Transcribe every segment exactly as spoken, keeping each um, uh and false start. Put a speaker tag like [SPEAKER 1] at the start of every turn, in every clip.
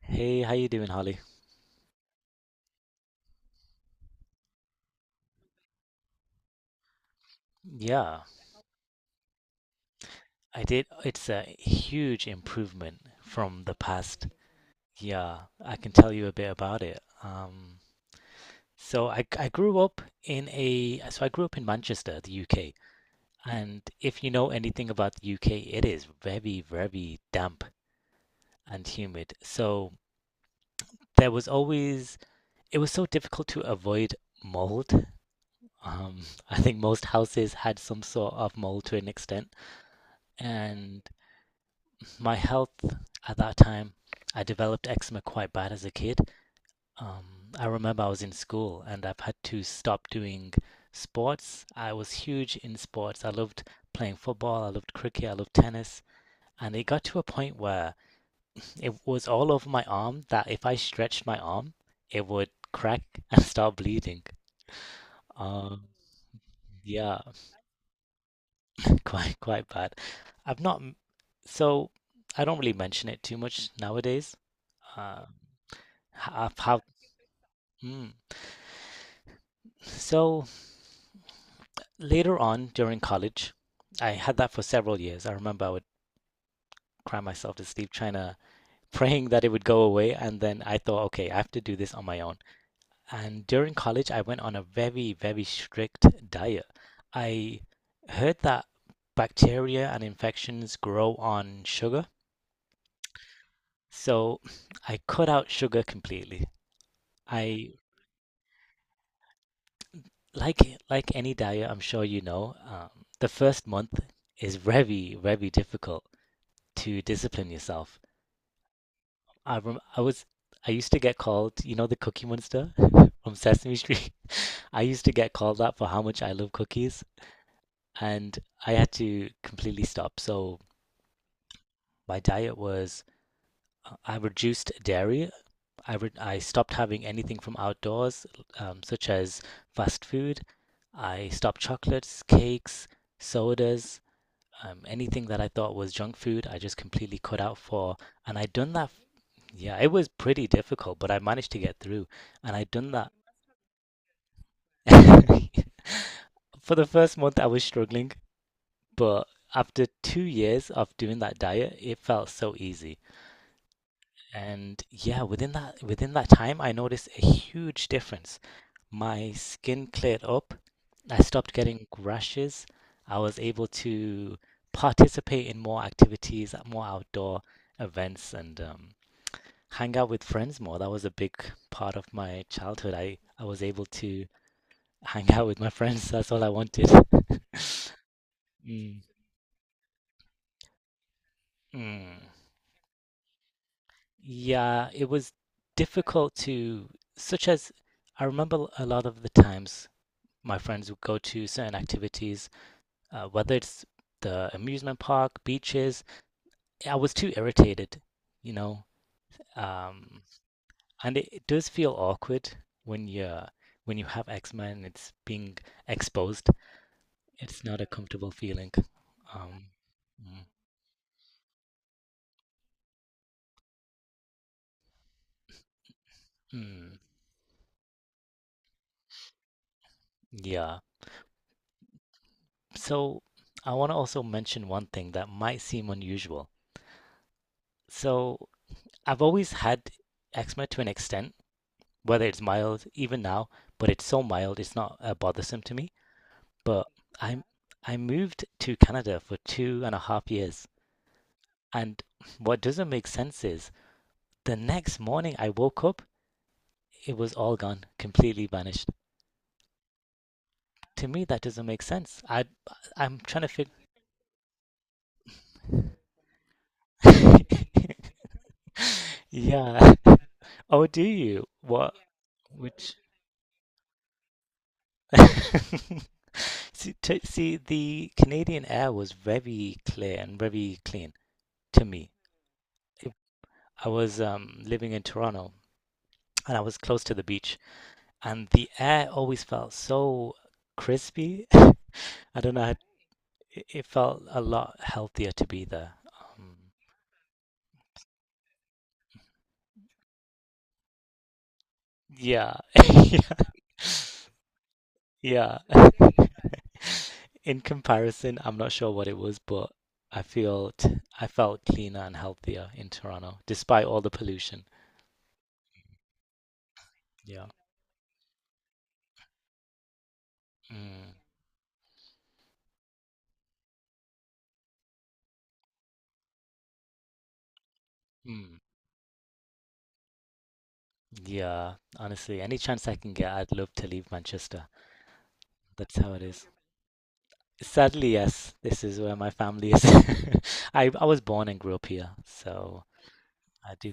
[SPEAKER 1] Hey, how you doing, Holly? Yeah, I did. It's a huge improvement from the past. Yeah, I can tell you a bit about it. Um, so I I grew up in a so I grew up in Manchester, the U K. And if you know anything about the U K, it is very, very damp and humid. So there was always it was so difficult to avoid mold. Um, I think most houses had some sort of mold to an extent. And my health at that time, I developed eczema quite bad as a kid. Um, I remember I was in school and I've had to stop doing sports. I was huge in sports. I loved playing football, I loved cricket, I loved tennis. And it got to a point where it was all over my arm that if I stretched my arm, it would crack and start bleeding. Um, yeah, quite quite bad. I've not, so I don't really mention it too much nowadays. Uh, h- I've had Mm. So later on during college, I had that for several years. I remember I would cry myself to sleep trying to praying that it would go away, and then I thought, okay, I have to do this on my own. And during college, I went on a very, very strict diet. I heard that bacteria and infections grow on sugar, so I cut out sugar completely. I like like any diet, I'm sure you know, um, the first month is very, very difficult, to discipline yourself. I rem- I was I used to get called, you know, the Cookie Monster from Sesame Street. I used to get called that for how much I love cookies, and I had to completely stop. So my diet was uh, I reduced dairy. I re- I stopped having anything from outdoors, um, such as fast food. I stopped chocolates, cakes, sodas. Um, anything that I thought was junk food, I just completely cut out for. And I'd done that. Yeah, it was pretty difficult, but I managed to get through. And I'd done that. For the first month, I was struggling, but after two years of doing that diet, it felt so easy. And yeah, within that within that time, I noticed a huge difference. My skin cleared up. I stopped getting rashes. I was able to participate in more activities, more outdoor events, and um, hang out with friends more. That was a big part of my childhood. I, I was able to hang out with my friends. That's all I wanted. Mm, mm. Yeah, it was difficult to, such as I remember a lot of the times my friends would go to certain activities, uh, whether it's the amusement park, beaches. I was too irritated, you know. Um, and it, it does feel awkward when you're when you have eczema and it's being exposed. It's not a comfortable feeling. Um, mm, mm, yeah. So I want to also mention one thing that might seem unusual. So I've always had eczema to an extent, whether it's mild, even now, but it's so mild, it's not uh, bothersome to me. But I I moved to Canada for two and a half years, and what doesn't make sense is the next morning I woke up, it was all gone, completely vanished. To me, that doesn't make sense. I I'm trying to figure. Yeah. Oh, do you? What? Which? See, to, see, the Canadian air was very clear and very clean to me. I was um, living in Toronto and I was close to the beach, and the air always felt so crispy. I don't know, how- it it felt a lot healthier to be there. Um, yeah, yeah. Yeah. In comparison, I'm not sure what it was, but I felt I felt cleaner and healthier in Toronto, despite all the pollution. Yeah. Mm, mm. Yeah. Honestly, any chance I can get, I'd love to leave Manchester. That's how it is. Sadly, yes, this is where my family is. I I was born and grew up here, so I do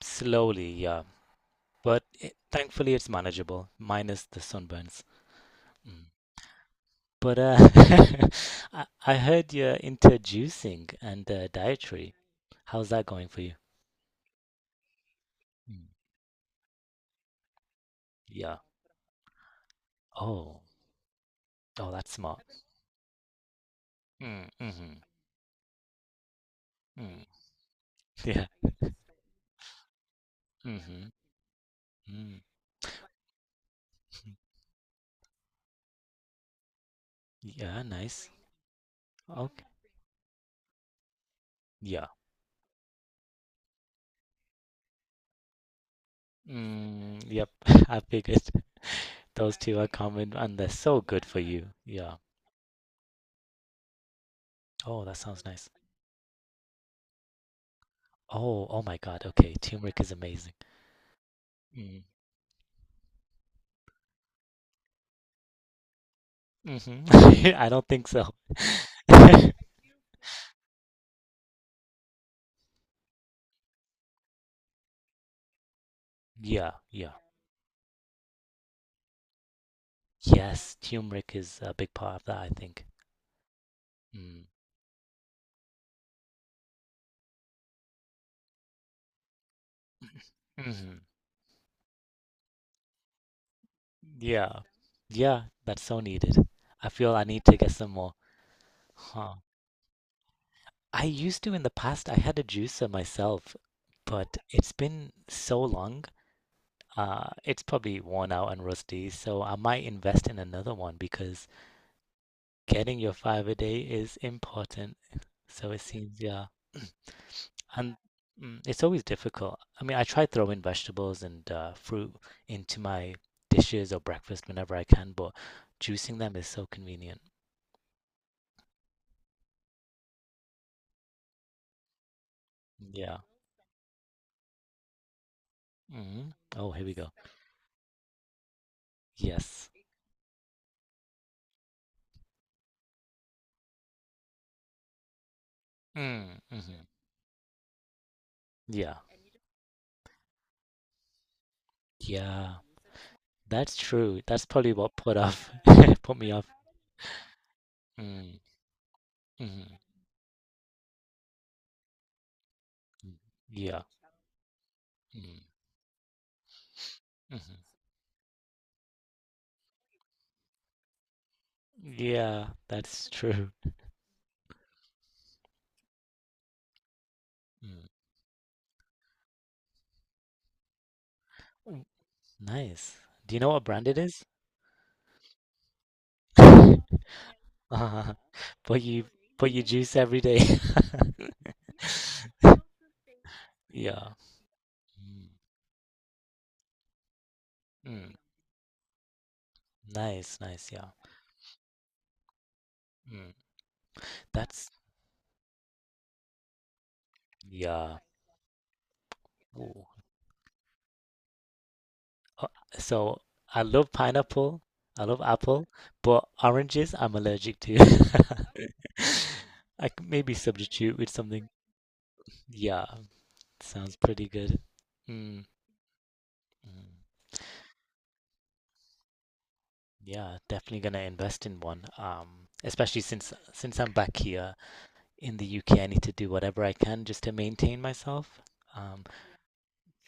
[SPEAKER 1] slowly, yeah. But it, thankfully, it's manageable, minus the sunburns. Mm. But uh, I, I heard you're into juicing and uh, dietary. How's that going for you? Mm. Yeah. Oh. Oh, that's smart. Mm, mm-hmm. Mm. Yeah. Mm-hmm. Mm. Yeah, nice. Okay. Yeah. Mm, yep. I figured those two are common and they're so good for you. Yeah. Oh, that sounds nice. Oh, oh my God. Okay. Turmeric is amazing. Mm. Hmm. I don't think so. Yeah, yeah. Yes, turmeric is a big part of that, I think. Mm. Hmm. Yeah. Yeah, that's so needed. I feel I need to get some more. Huh. I used to in the past, I had a juicer myself, but it's been so long. Uh, it's probably worn out and rusty, so I might invest in another one because getting your five a day is important. So it seems, yeah. And mm, it's always difficult. I mean, I try throwing vegetables and uh, fruit into my dishes or breakfast whenever I can, but juicing them is so convenient. Yeah. Hmm. Oh, here we go. Yes. Mm. Hmm. Yeah. Yeah. That's true. That's probably what put off put me off. Mm. Hmm. Yeah. Mm. Hmm. Yeah, that's true. Mm. Nice. Do you know what brand it is? Uh, but you but you juice every day. Yeah. Mm, mm. Nice, nice, yeah. Mm. That's yeah. Ooh. So I love pineapple. I love apple, but oranges I'm allergic to. I could maybe substitute with something. Yeah, sounds pretty good. Mm. Mm. Yeah, definitely gonna invest in one. Um, especially since since I'm back here in the U K, I need to do whatever I can just to maintain myself. Um,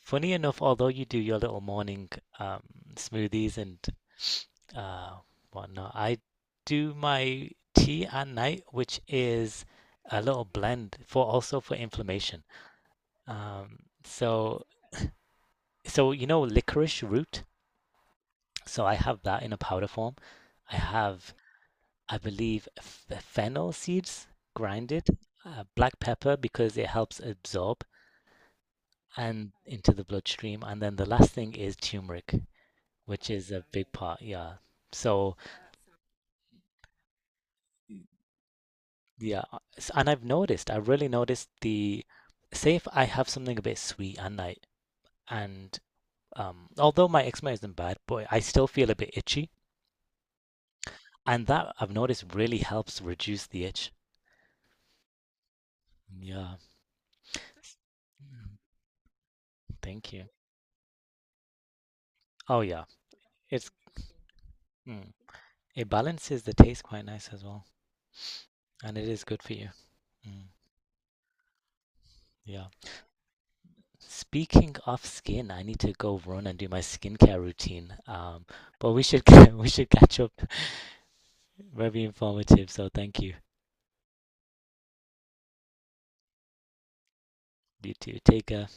[SPEAKER 1] funny enough, although you do your little morning um, smoothies and uh, whatnot, I do my tea at night, which is a little blend for also for inflammation. Um, so so you know licorice root. So I have that in a powder form. I have I believe f- fennel seeds grinded, uh, black pepper because it helps absorb and into the bloodstream, and then the last thing is turmeric, which is a big part. Yeah. So yeah, uh, s- and I've noticed, I really noticed the say if I have something a bit sweet at night, and um, although my eczema isn't bad, boy, I still feel a bit itchy, and that I've noticed really helps reduce the itch. Yeah. Mm, thank you. Oh yeah, it's. Mm. It balances the taste quite nice as well, and it is good for you. Mm, yeah. Speaking of skin, I need to go run and do my skincare routine. Um, but we should we should catch up. Very informative, so thank you. You too. Take care.